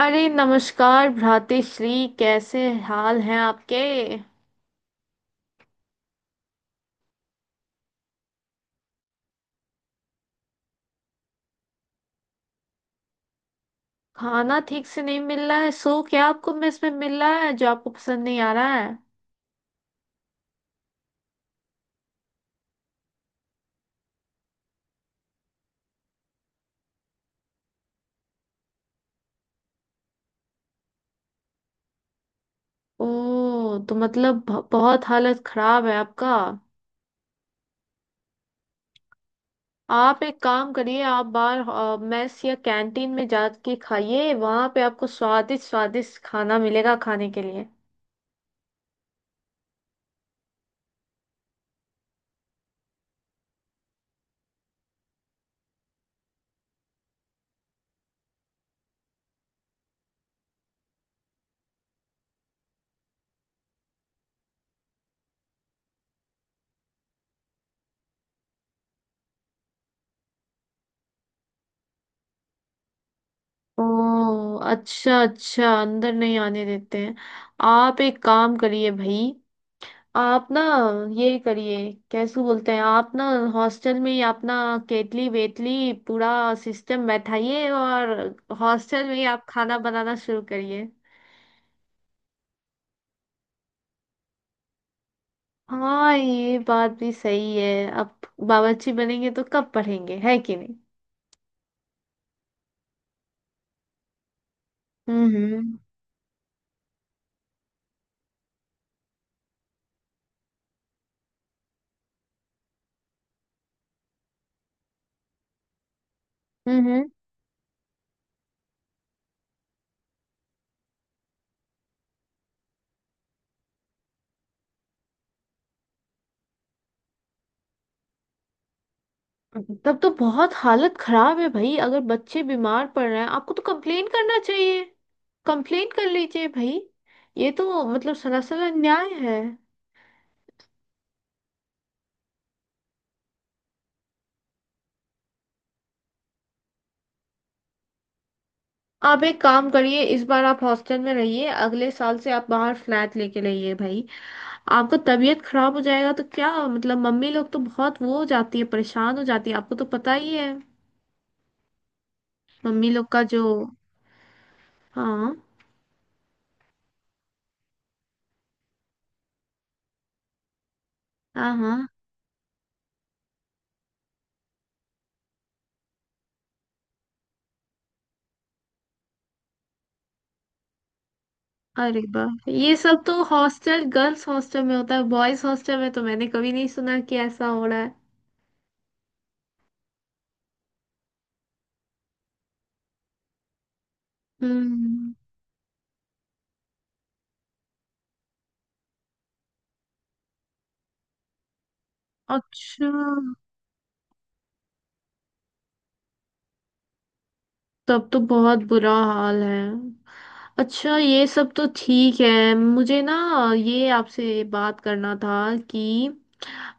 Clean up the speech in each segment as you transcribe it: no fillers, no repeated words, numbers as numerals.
अरे नमस्कार भ्रातेश्री, कैसे हाल हैं आपके? खाना ठीक से नहीं मिल रहा है? सो क्या आपको मेस में मिल रहा है जो आपको पसंद नहीं आ रहा है? ओ तो मतलब बहुत हालत खराब है आपका। आप एक काम करिए, आप बाहर मेस या कैंटीन में जाके खाइए, वहां पे आपको स्वादिष्ट स्वादिष्ट खाना मिलेगा खाने के लिए। ओ अच्छा अच्छा, अंदर नहीं आने देते हैं। आप एक काम करिए भाई, आप ना, ये करिए, कैसे बोलते हैं आप ना, हॉस्टल में ही अपना केटली वेटली पूरा सिस्टम बैठाइए, और हॉस्टल में ही आप खाना बनाना शुरू करिए। हाँ ये बात भी सही है अब। बावर्ची बनेंगे तो कब पढ़ेंगे, है कि नहीं। हम्म। हम्म। तब तो बहुत हालत खराब है भाई, अगर बच्चे बीमार पड़ रहे हैं आपको तो कंप्लेन करना चाहिए। कंप्लेन कर लीजिए भाई। ये तो मतलब सरासर अन्याय है। आप एक काम करिए, इस बार आप हॉस्टल में रहिए, अगले साल से आप बाहर फ्लैट लेके रहिए भाई। आपको तबीयत खराब हो जाएगा तो क्या मतलब मम्मी लोग तो बहुत वो हो जाती है, परेशान हो जाती है, आपको तो पता ही है मम्मी लोग का जो। हाँ। हाँ। हाँ अरे बाप रे, ये सब तो हॉस्टल, गर्ल्स हॉस्टल में होता है, बॉयज हॉस्टल में तो मैंने कभी नहीं सुना कि ऐसा हो रहा है। हम्म। अच्छा तब तो बहुत बुरा हाल है। अच्छा ये सब तो ठीक है। मुझे ना ये आपसे बात करना था कि,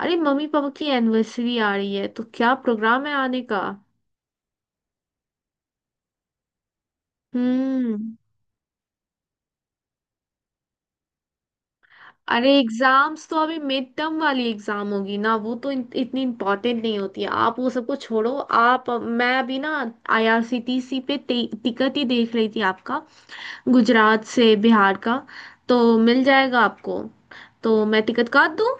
अरे मम्मी पापा की एनिवर्सरी आ रही है तो क्या प्रोग्राम है आने का? हम्म। अरे एग्जाम्स तो अभी मिड टर्म वाली एग्जाम होगी ना, वो तो इतनी इम्पोर्टेंट नहीं होती है, आप वो सबको छोड़ो। आप, मैं अभी ना आईआरसीटीसी पे टिकट ही देख रही थी आपका, गुजरात से बिहार का। तो मिल जाएगा आपको। तो मैं टिकट काट दूँ?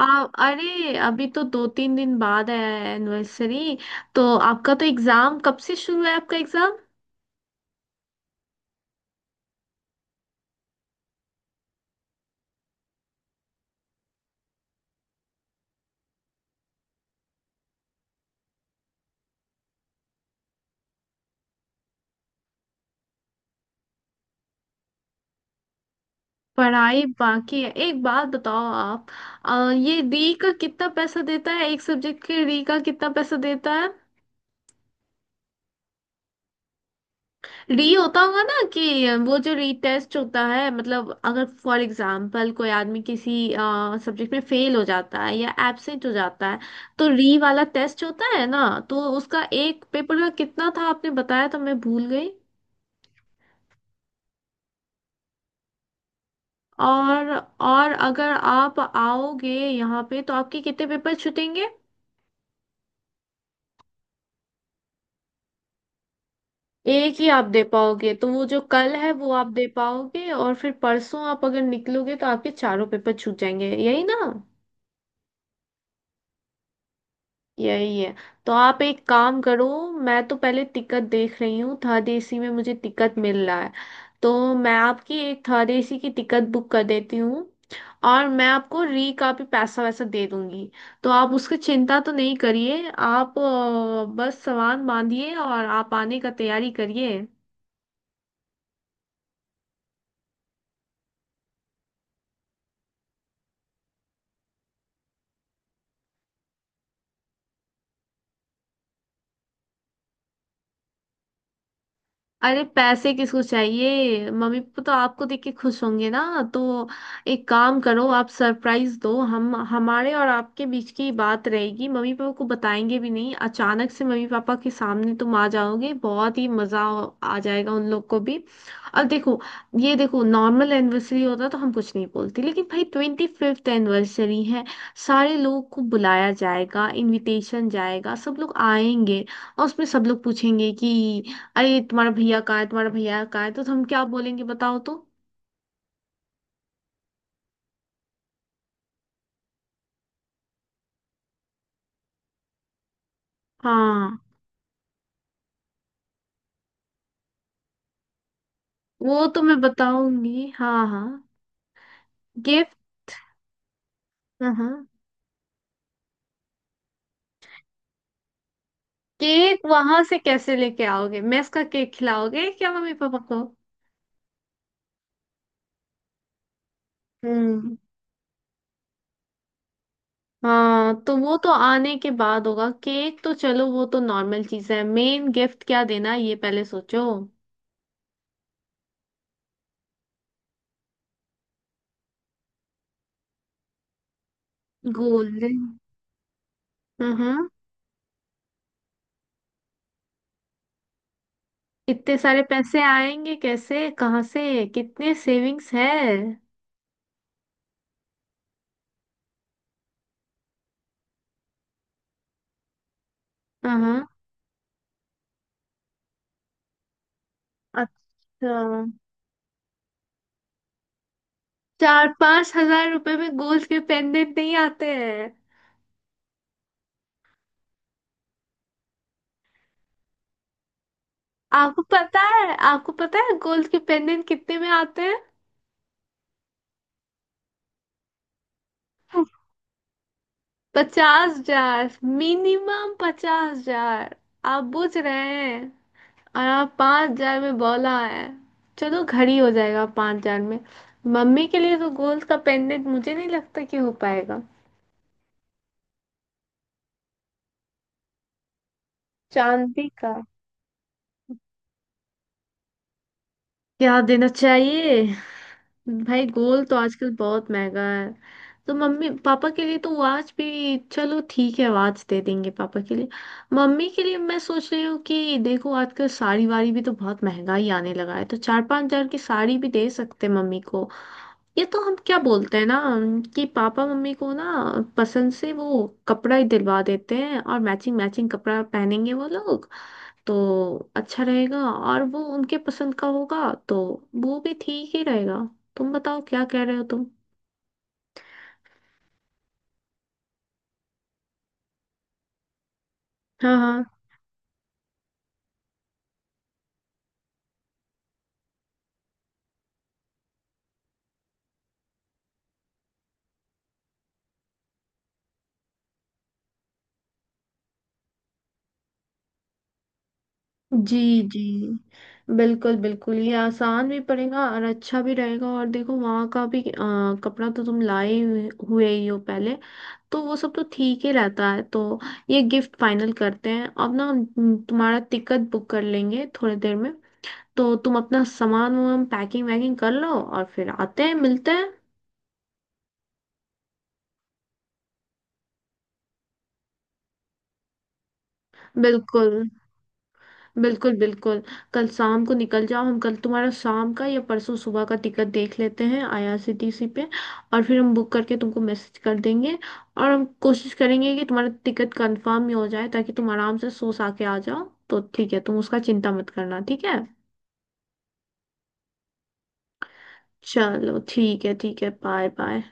आप अरे अभी तो 2-3 दिन बाद है एनिवर्सरी, तो आपका तो एग्ज़ाम कब से शुरू है, आपका एग्ज़ाम? पढ़ाई बाकी है। एक बात बताओ आप, ये री का कितना पैसा देता है, एक सब्जेक्ट के री का कितना पैसा देता है? री होता होगा ना कि वो जो रीटेस्ट होता है, मतलब अगर फॉर एग्जांपल कोई आदमी किसी सब्जेक्ट में फेल हो जाता है या एब्सेंट हो जाता है, तो री वाला टेस्ट होता है ना, तो उसका एक पेपर का कितना था आपने बताया, तो मैं भूल गई। और और अगर आप आओगे यहाँ पे तो आपके कितने पेपर छूटेंगे? एक ही आप दे पाओगे, तो वो जो कल है वो आप दे पाओगे, और फिर परसों आप अगर निकलोगे तो आपके चारों पेपर छूट जाएंगे, यही ना? यही है। तो आप एक काम करो, मैं तो पहले टिकट देख रही हूँ, थर्ड एसी में मुझे टिकट मिल रहा है, तो मैं आपकी एक थर्ड एसी की टिकट बुक कर देती हूँ, और मैं आपको री का भी पैसा वैसा दे दूंगी, तो आप उसकी चिंता तो नहीं करिए, आप बस सामान बांधिए और आप आने का तैयारी करिए। अरे पैसे किसको चाहिए, मम्मी पापा तो आपको देख के खुश होंगे ना, तो एक काम करो, आप सरप्राइज दो, हम हमारे और आपके बीच की बात रहेगी, मम्मी पापा को बताएंगे भी नहीं, अचानक से मम्मी पापा के सामने तुम आ जाओगे, बहुत ही मजा आ जाएगा उन लोग को भी। और देखो, ये देखो, नॉर्मल एनिवर्सरी होता तो हम कुछ नहीं बोलते, लेकिन भाई 25वीं एनिवर्सरी है, सारे लोग को बुलाया जाएगा, इनविटेशन जाएगा, सब लोग आएंगे, और उसमें सब लोग पूछेंगे कि अरे तुम्हारा भैया कहाँ है, तुम्हारा भैया कहाँ है, तो हम क्या बोलेंगे बताओ तो। हाँ। वो तो मैं बताऊंगी, हाँ हाँ। गिफ्ट। हाँ हाँ। केक वहां से कैसे लेके आओगे, मेस का केक खिलाओगे क्या मम्मी पापा को? हम्म। हाँ तो वो तो आने के बाद होगा केक, तो चलो वो तो नॉर्मल चीज है, मेन गिफ्ट क्या देना है, ये पहले सोचो। गोल्ड। हाँ हाँ। इतने सारे पैसे आएंगे कैसे, कहाँ से, कितने सेविंग्स है? हाँ हाँ। अच्छा। 4-5 हज़ार रुपए में गोल्ड के पेंडेंट नहीं आते हैं। आपको पता है, आपको पता है गोल्ड के पेंडेंट कितने में आते हैं? 50 हज़ार। मिनिमम 50 हज़ार। आप बुझ रहे हैं। और आप 5 हज़ार में बोला है। चलो घड़ी हो जाएगा 5 हज़ार में। मम्मी के लिए तो गोल्ड का पेंडेंट मुझे नहीं लगता कि हो पाएगा। चांदी का क्या देना चाहिए? भाई गोल तो आजकल बहुत महंगा है। तो मम्मी पापा के लिए तो वाच भी चलो ठीक है, वाच दे देंगे पापा के लिए। मम्मी के लिए मैं सोच रही हूँ कि देखो आजकल साड़ी वाड़ी भी तो बहुत महंगा ही आने लगा है, तो 4-5 हज़ार की साड़ी भी दे सकते हैं मम्मी को। ये तो हम क्या बोलते हैं ना कि पापा मम्मी को ना पसंद से वो कपड़ा ही दिलवा देते हैं, और मैचिंग मैचिंग कपड़ा पहनेंगे वो लोग, तो अच्छा रहेगा, और वो उनके पसंद का होगा तो वो भी ठीक ही रहेगा। तुम बताओ क्या कह रहे हो तुम। हाँ हाँ। जी। जी बिल्कुल बिल्कुल, ये आसान भी पड़ेगा और अच्छा भी रहेगा, और देखो वहाँ का भी कपड़ा तो तुम लाए हुए हुए ही हो पहले, तो वो सब तो ठीक ही रहता है तो ये गिफ्ट फाइनल करते हैं अब ना हम। तुम्हारा टिकट बुक कर लेंगे थोड़ी देर में, तो तुम अपना सामान वामान पैकिंग वैकिंग कर लो, और फिर आते हैं मिलते हैं। बिल्कुल। बिल्कुल बिल्कुल। कल शाम को निकल जाओ, हम कल तुम्हारा शाम का या परसों सुबह का टिकट देख लेते हैं आईआरसीटीसी पे, और फिर हम बुक करके तुमको मैसेज कर देंगे, और हम कोशिश करेंगे कि तुम्हारा टिकट कंफर्म ही हो जाए ताकि तुम आराम से सो सा के आ जाओ। तो ठीक है, तुम उसका चिंता मत करना ठीक है। चलो ठीक है, ठीक है, बाय बाय।